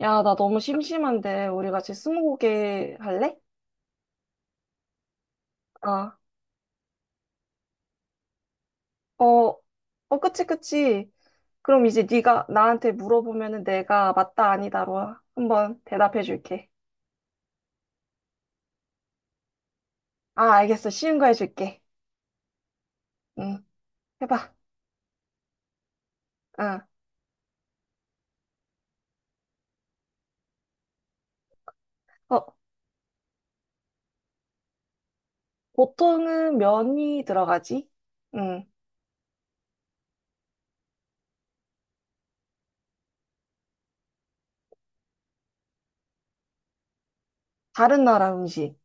야, 나 너무 심심한데, 우리 같이 스무고개 할래? 아, 어, 그치, 그치. 그럼 이제 네가 나한테 물어보면은 내가 맞다, 아니다로 한번 대답해 줄게. 아, 알겠어. 쉬운 거 해줄게. 응, 해봐. 응. 어, 보통은 면이 들어가지? 응. 다른 나라 음식.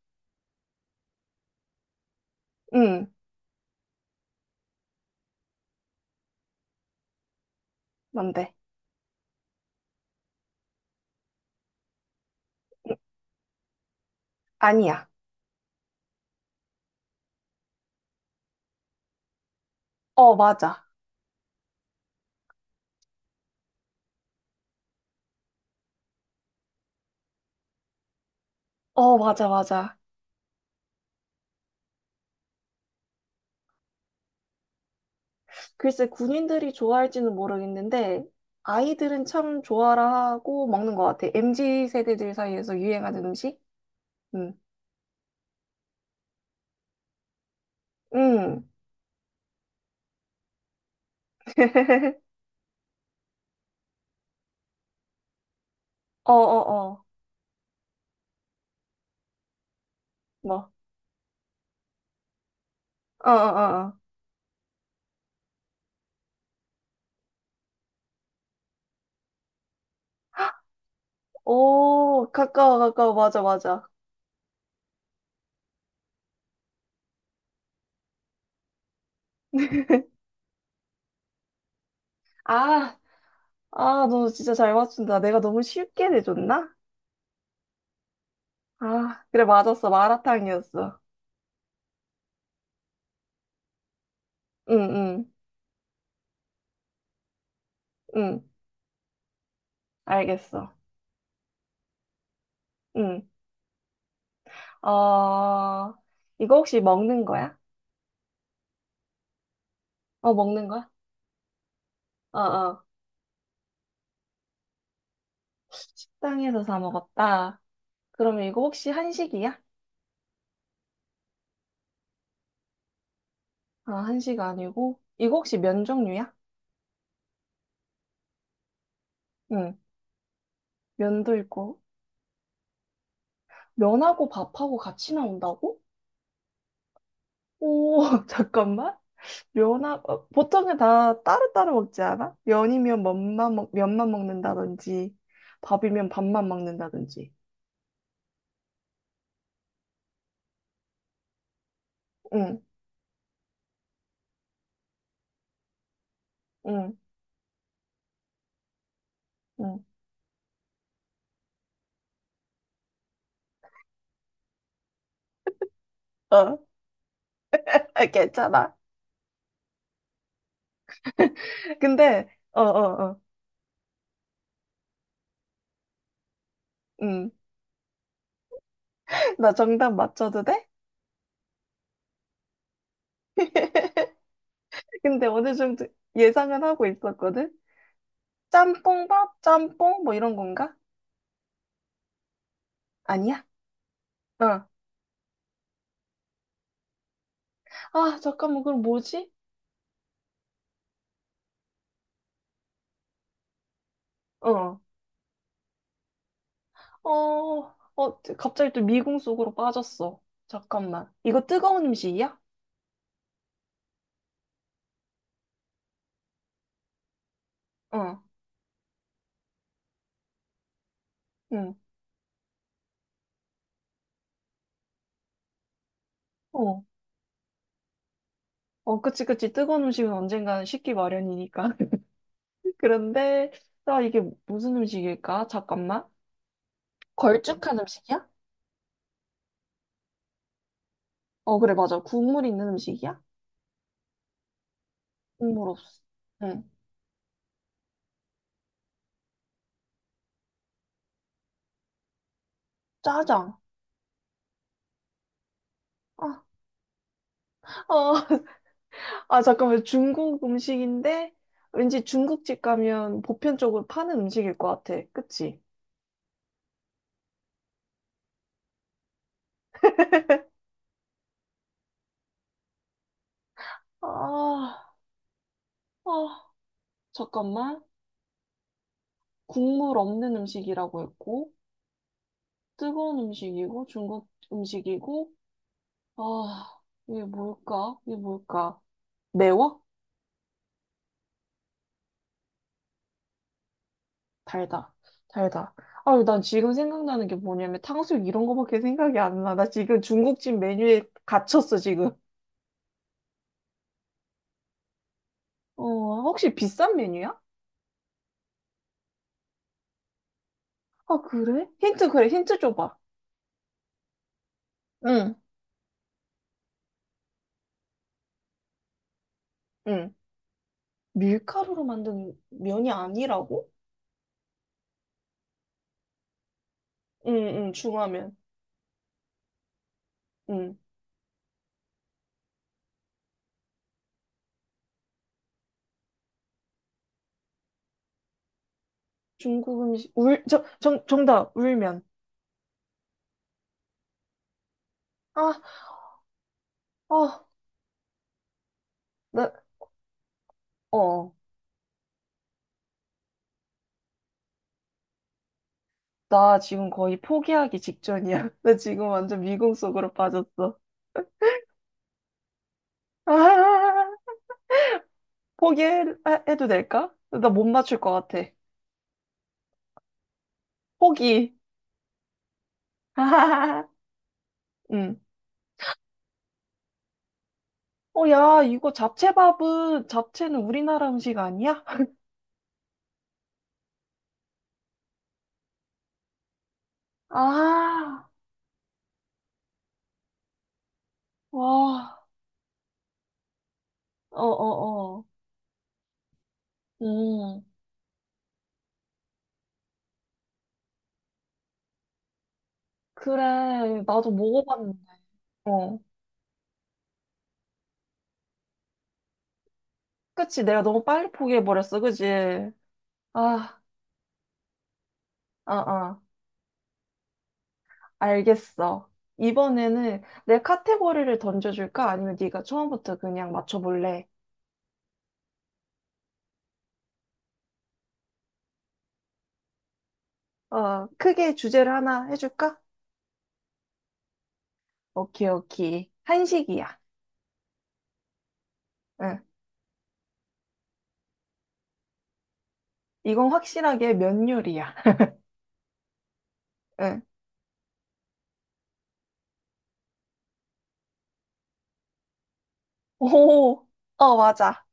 응, 뭔데? 응, 아니야. 어, 맞아. 어, 맞아, 맞아. 글쎄, 군인들이 좋아할지는 모르겠는데, 아이들은 참 좋아라 하고 먹는 것 같아. MZ 세대들 사이에서 유행하는 음식? 음. 음. 어, 어, 어. 뭐. 어, 어, 어. 어. 오, 가까워, 가까워. 맞아, 맞아. 아, 아, 너 진짜 잘 맞춘다. 내가 너무 쉽게 내줬나? 아, 그래, 맞았어. 마라탕이었어. 응, 응, 응. 알겠어. 응. 어, 이거 혹시 먹는 거야? 어, 먹는 거야? 어어. 식당에서 사 먹었다. 그러면 이거 혹시 한식이야? 아, 한식 아니고. 이거 혹시 면 종류야? 응, 면도 있고. 면하고 밥하고 같이 나온다고? 오, 잠깐만. 면하고, 보통은 다 따로따로 먹지 않아? 면이면 면만, 면만 먹는다든지, 밥이면 밥만 먹는다든지. 응, 응, 응. 어, 아, 괜찮아. 근데, 어. 응. 나 정답 맞춰도 돼? 근데 어느 정도 예상은 하고 있었거든? 짬뽕밥? 짬뽕? 뭐 이런 건가? 아니야? 어. 아, 잠깐만, 그럼 뭐지? 어. 갑자기 또 미궁 속으로 빠졌어. 잠깐만. 이거 뜨거운 음식이야? 어, 응, 어. 어, 그치, 그치. 뜨거운 음식은 언젠가는 식기 마련이니까. 그런데, 나 이게 무슨 음식일까? 잠깐만. 걸쭉한 음식이야? 어, 그래, 맞아. 국물 있는 음식이야? 국물 없어. 응. 짜장. 아, 어. 아, 잠깐만. 중국 음식인데 왠지 중국집 가면 보편적으로 파는 음식일 것 같아. 그치? 아, 아, 잠깐만. 국물 없는 음식이라고 했고, 뜨거운 음식이고, 중국 음식이고, 아, 이게 뭘까? 이게 뭘까? 매워? 달다. 달다. 아, 난 지금 생각나는 게 뭐냐면 탕수육 이런 거밖에 생각이 안 나. 나 지금 중국집 메뉴에 갇혔어, 지금. 어, 혹시 비싼 메뉴야? 아, 그래? 힌트, 그래, 힌트 줘봐. 응. 응. 밀가루로 만든 면이 아니라고? 응, 응, 중화면. 응. 중국 음식, 정답, 울면. 아, 어, 나, 어, 나 지금 거의 포기하기 직전이야. 나 지금 완전 미궁 속으로 빠졌어. 아, 포기해도 될까? 나 못 맞출 것 같아. 포기. 응. 어, 야, 이거 잡채밥은, 잡채는 우리나라 음식 아니야? 아, 와, 어, 어, 어. 음. 그래, 나도 먹어봤는데. 어. 그치, 내가 너무 빨리 포기해버렸어, 그치? 아, 아, 알겠어. 이번에는 내 카테고리를 던져줄까? 아니면 네가 처음부터 그냥 맞춰볼래? 어, 크게 주제를 하나 해줄까? 오케이, 오케이. 한식이야. 응. 이건 확실하게 면 요리야. 응. 오, 어, 맞아.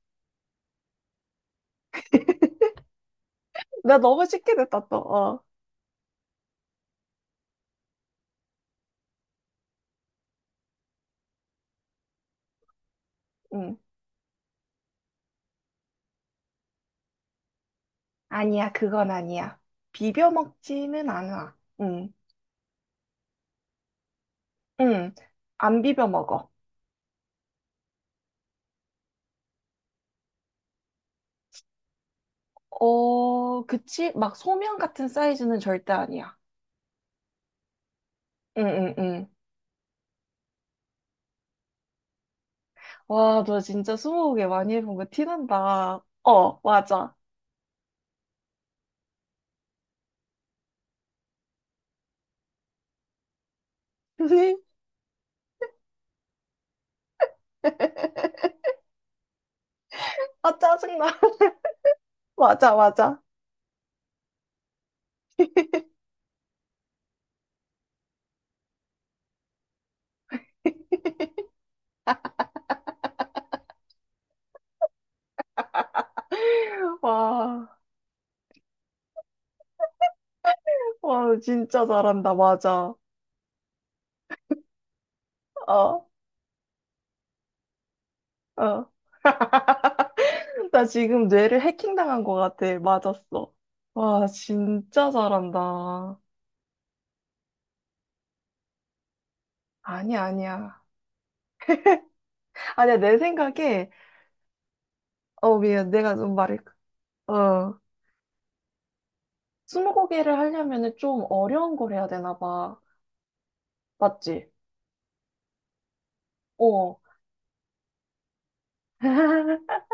나 너무 쉽게 됐다, 또. 어, 응. 아니야, 그건 아니야. 비벼 먹지는 않아. 응. 응, 안 비벼 먹어. 어, 그치? 막 소면 같은 사이즈는 절대 아니야. 응, 응, 응. 와, 너 진짜 스무고개 많이 해본 거 티난다. 어, 맞아. 아, 짜증나. 맞아, 맞아. 와, 와, 너 진짜 잘한다. 맞아. 어, 어. 나 지금 뇌를 해킹당한 것 같아. 맞았어. 와, 진짜 잘한다. 아니야, 아니야. 아니야, 내 생각에, 어, 미안. 내가 좀 말을, 어. 스무고개를 하려면은 좀 어려운 걸 해야 되나 봐. 맞지? 어.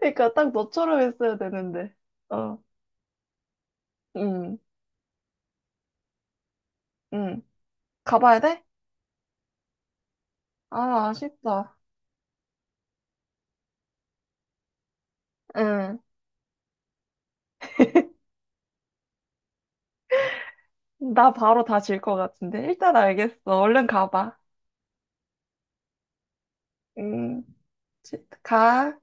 그러니까 딱 너처럼 했어야 되는데. 어. 응. 응. 가봐야 돼? 아, 아쉽다. 응. 나 바로 다 질 것 같은데. 일단 알겠어. 얼른 가봐. 응. 지- 가.